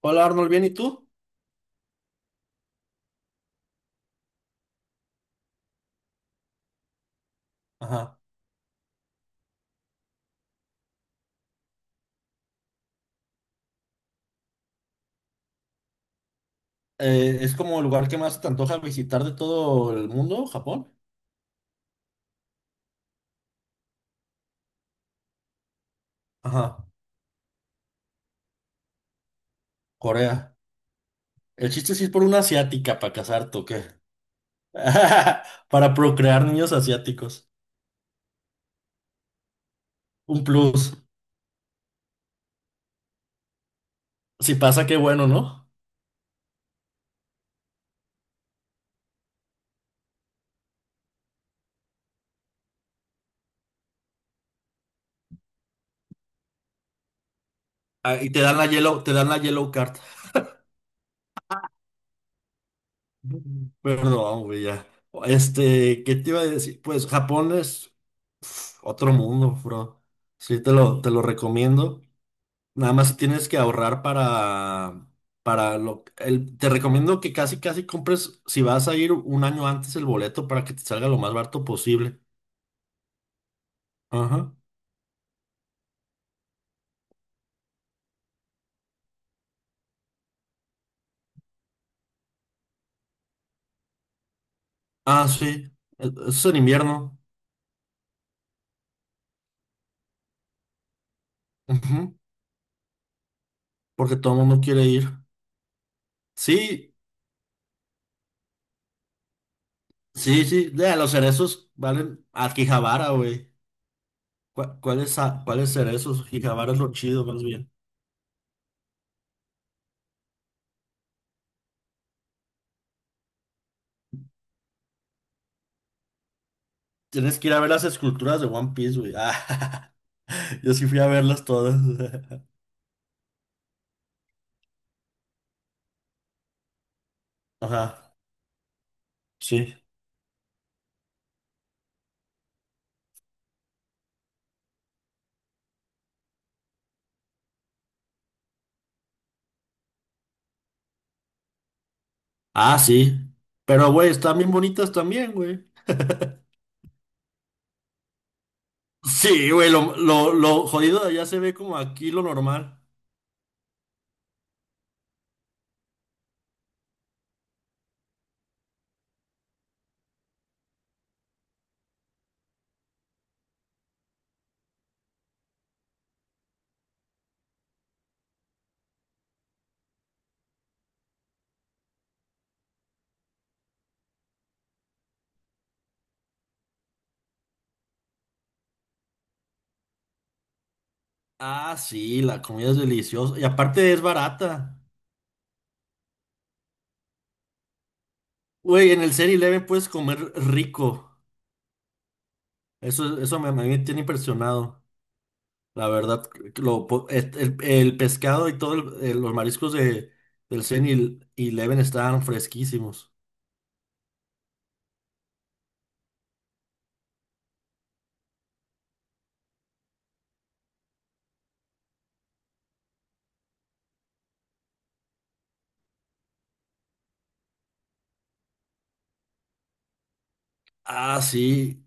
Hola Arnold, ¿bien y tú? Ajá. ¿Es como el lugar que más te antoja visitar de todo el mundo, Japón? Ajá. Corea. El chiste sí es por una asiática para casarte, ¿o qué? Para procrear niños asiáticos. Un plus. Si pasa, qué bueno, ¿no? Ah, y te dan la yellow, te dan la yellow card. Perdón, güey, ya. Este, ¿qué te iba a decir? Pues Japón es uf, otro mundo, bro. Sí, te lo recomiendo. Nada más tienes que ahorrar para lo, el, te recomiendo que casi, casi compres, si vas a ir un año antes el boleto para que te salga lo más barato posible. Ajá. Ah, sí. Eso es en invierno. Ujú. Porque todo el mundo quiere ir. Sí, sí, sí. De los cerezos valen a Quijabara, güey. ¿Cuáles, cuáles cerezos? Quijabara es lo chido, más bien. Tienes que ir a ver las esculturas de One Piece, güey. Ah, yo sí fui a verlas todas. Ajá. Sí. Ah, sí. Pero, güey, están bien bonitas también, güey. Sí, güey, lo jodido de allá se ve como aquí lo normal. Ah, sí, la comida es deliciosa. Y aparte es barata. Güey, en el 7-Eleven puedes comer rico. Eso me, a mí me tiene impresionado. La verdad, lo, po- et- el pescado y todos los mariscos de, del 7-Eleven estaban fresquísimos. Ah, sí.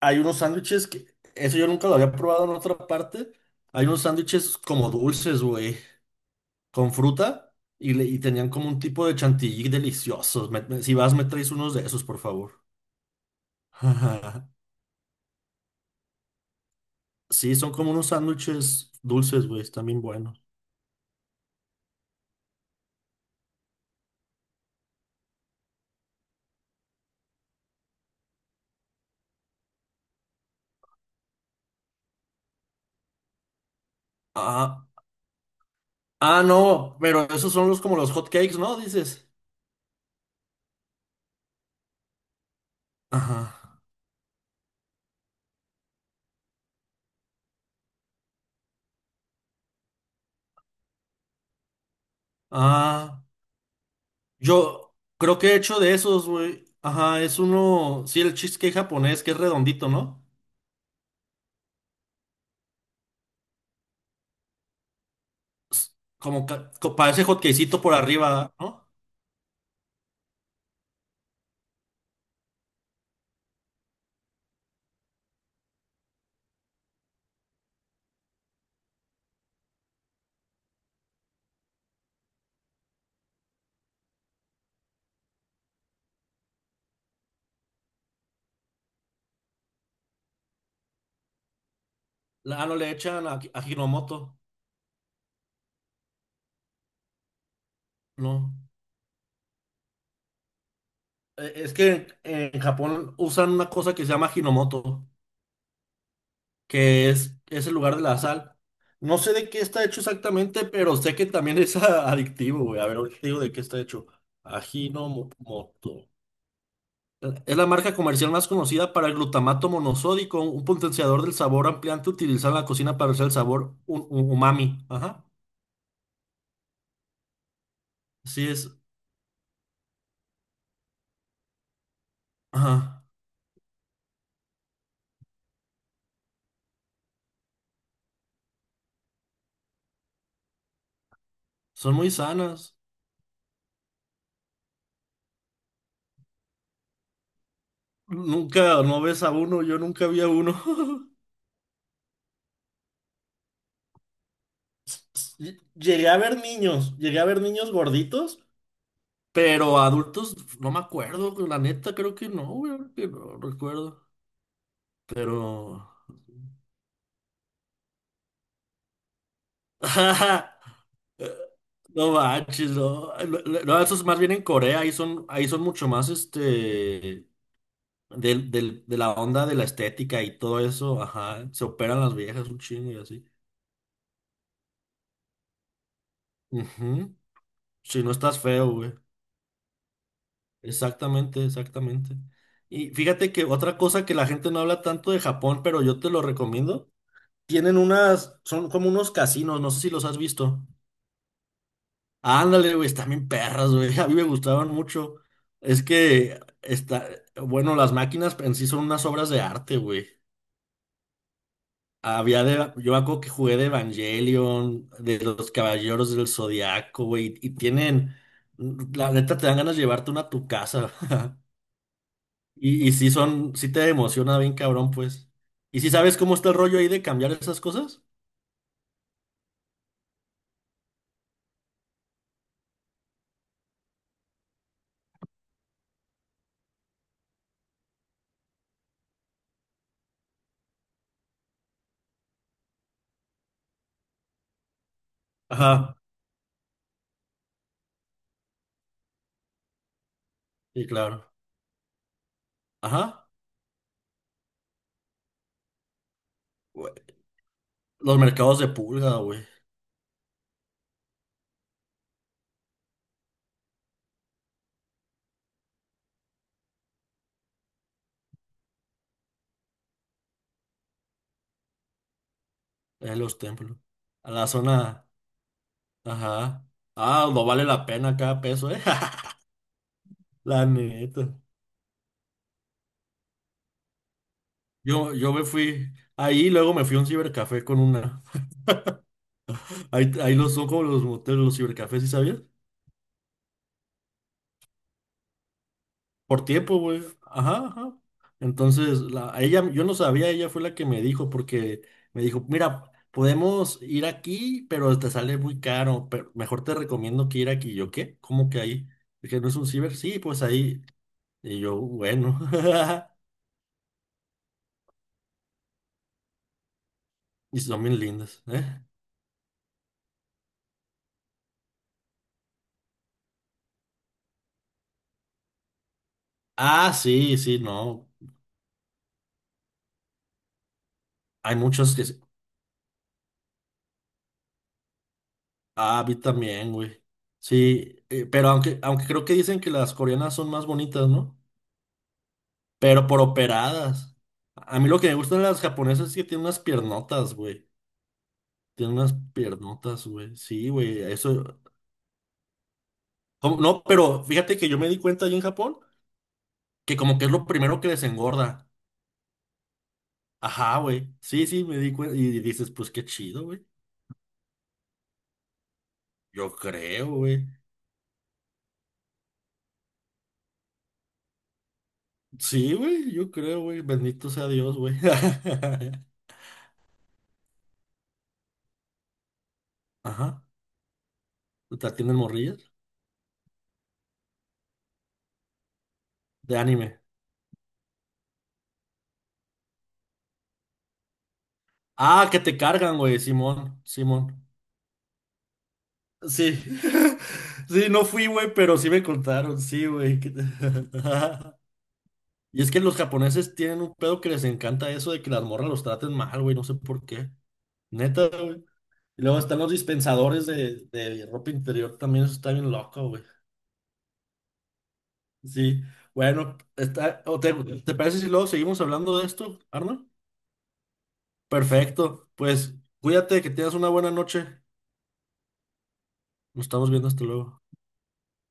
Hay unos sándwiches que, eso yo nunca lo había probado en otra parte. Hay unos sándwiches como dulces, güey, con fruta y tenían como un tipo de chantilly deliciosos. Si vas, me traes unos de esos, por favor. Sí, son como unos sándwiches dulces, güey, están bien buenos. Ah, ah, no, pero esos son los como los hot cakes, ¿no? Dices. Ajá. Ah, yo creo que he hecho de esos, güey. Ajá, es uno, sí, el cheesecake japonés que es redondito, ¿no? Como, parece hotcakecito por arriba, ¿no? Ah, no le echan a Hinomoto, no. Es que en Japón usan una cosa que se llama Hinomoto, que es el lugar de la sal. No sé de qué está hecho exactamente, pero sé que también es adictivo, güey. A ver, ahorita te digo de qué está hecho. Ajinomoto. Es la marca comercial más conocida para el glutamato monosódico, un potenciador del sabor ampliante utilizado en la cocina para hacer el sabor umami. Ajá. Así es. Ajá. Son muy sanas. Nunca, no ves a uno, yo nunca vi a uno. Llegué a ver niños, llegué a ver niños gorditos, pero adultos no me acuerdo, la neta creo que no, güey, ahora que no recuerdo. Pero... eh, no manches, no. No, no, no, eso es más bien en Corea, ahí son mucho más este... De la onda de la estética y todo eso, ajá. Se operan las viejas un chingo y así. Ujú. Si no estás feo, güey. Exactamente, exactamente. Y fíjate que otra cosa que la gente no habla tanto de Japón, pero yo te lo recomiendo. Tienen unas, son como unos casinos, no sé si los has visto. Ándale, güey, están bien perras, güey. A mí me gustaban mucho. Es que está, bueno, las máquinas en sí son unas obras de arte, güey. Había de, yo me acuerdo que jugué de Evangelion, de los Caballeros del Zodiaco, güey, y tienen, la neta te dan ganas de llevarte una a tu casa. Y sí son, sí te emociona bien cabrón, pues. ¿Y si sabes cómo está el rollo ahí de cambiar esas cosas? Ajá. Sí, claro. Ajá. Güey, los mercados de pulga, güey. En los templos. A la zona. Ajá. Ah, no vale la pena cada peso, eh. La neta. Yo me fui. Ahí luego me fui a un cibercafé con una. Ahí, ahí los son como los moteles, los cibercafés, ¿sí sabías? Por tiempo, güey. Ajá, ajá. Entonces, la, a ella, yo no sabía, ella fue la que me dijo, porque me dijo, mira, podemos ir aquí, pero te sale muy caro, pero mejor te recomiendo que ir aquí. Y yo, ¿qué? ¿Cómo que ahí? Dije, ¿no es un ciber? Sí, pues ahí. Y yo, bueno. Y son bien lindas, ¿eh? Ah, sí, sí, no. Hay muchos que... sí. Ah, vi también, güey. Sí, pero aunque, aunque creo que dicen que las coreanas son más bonitas, ¿no? Pero por operadas. A mí lo que me gustan las japonesas es que tienen unas piernotas, güey. Tienen unas piernotas, güey. Sí, güey, eso. ¿Cómo? No, pero fíjate que yo me di cuenta allí en Japón que como que es lo primero que les engorda. Ajá, güey. Sí, sí, me di cuenta. Y dices, pues qué chido, güey. Yo creo, güey. Sí, güey, yo creo, güey. Bendito sea Dios, güey. Ajá. ¿Te atienden morrillas? De anime. Ah, que te cargan, güey, Simón, Simón. Sí, sí, no fui, güey, pero sí me contaron, sí, güey. Que- Y es que los japoneses tienen un pedo que les encanta eso de que las morras los traten mal, güey, no sé por qué. Neta, güey. Y luego están los dispensadores de ropa interior, también eso está bien loco, güey. Sí, bueno, está, o te, ¿te parece si luego seguimos hablando de esto, Arno? Perfecto, pues cuídate, que tengas una buena noche. Nos estamos viendo, hasta luego.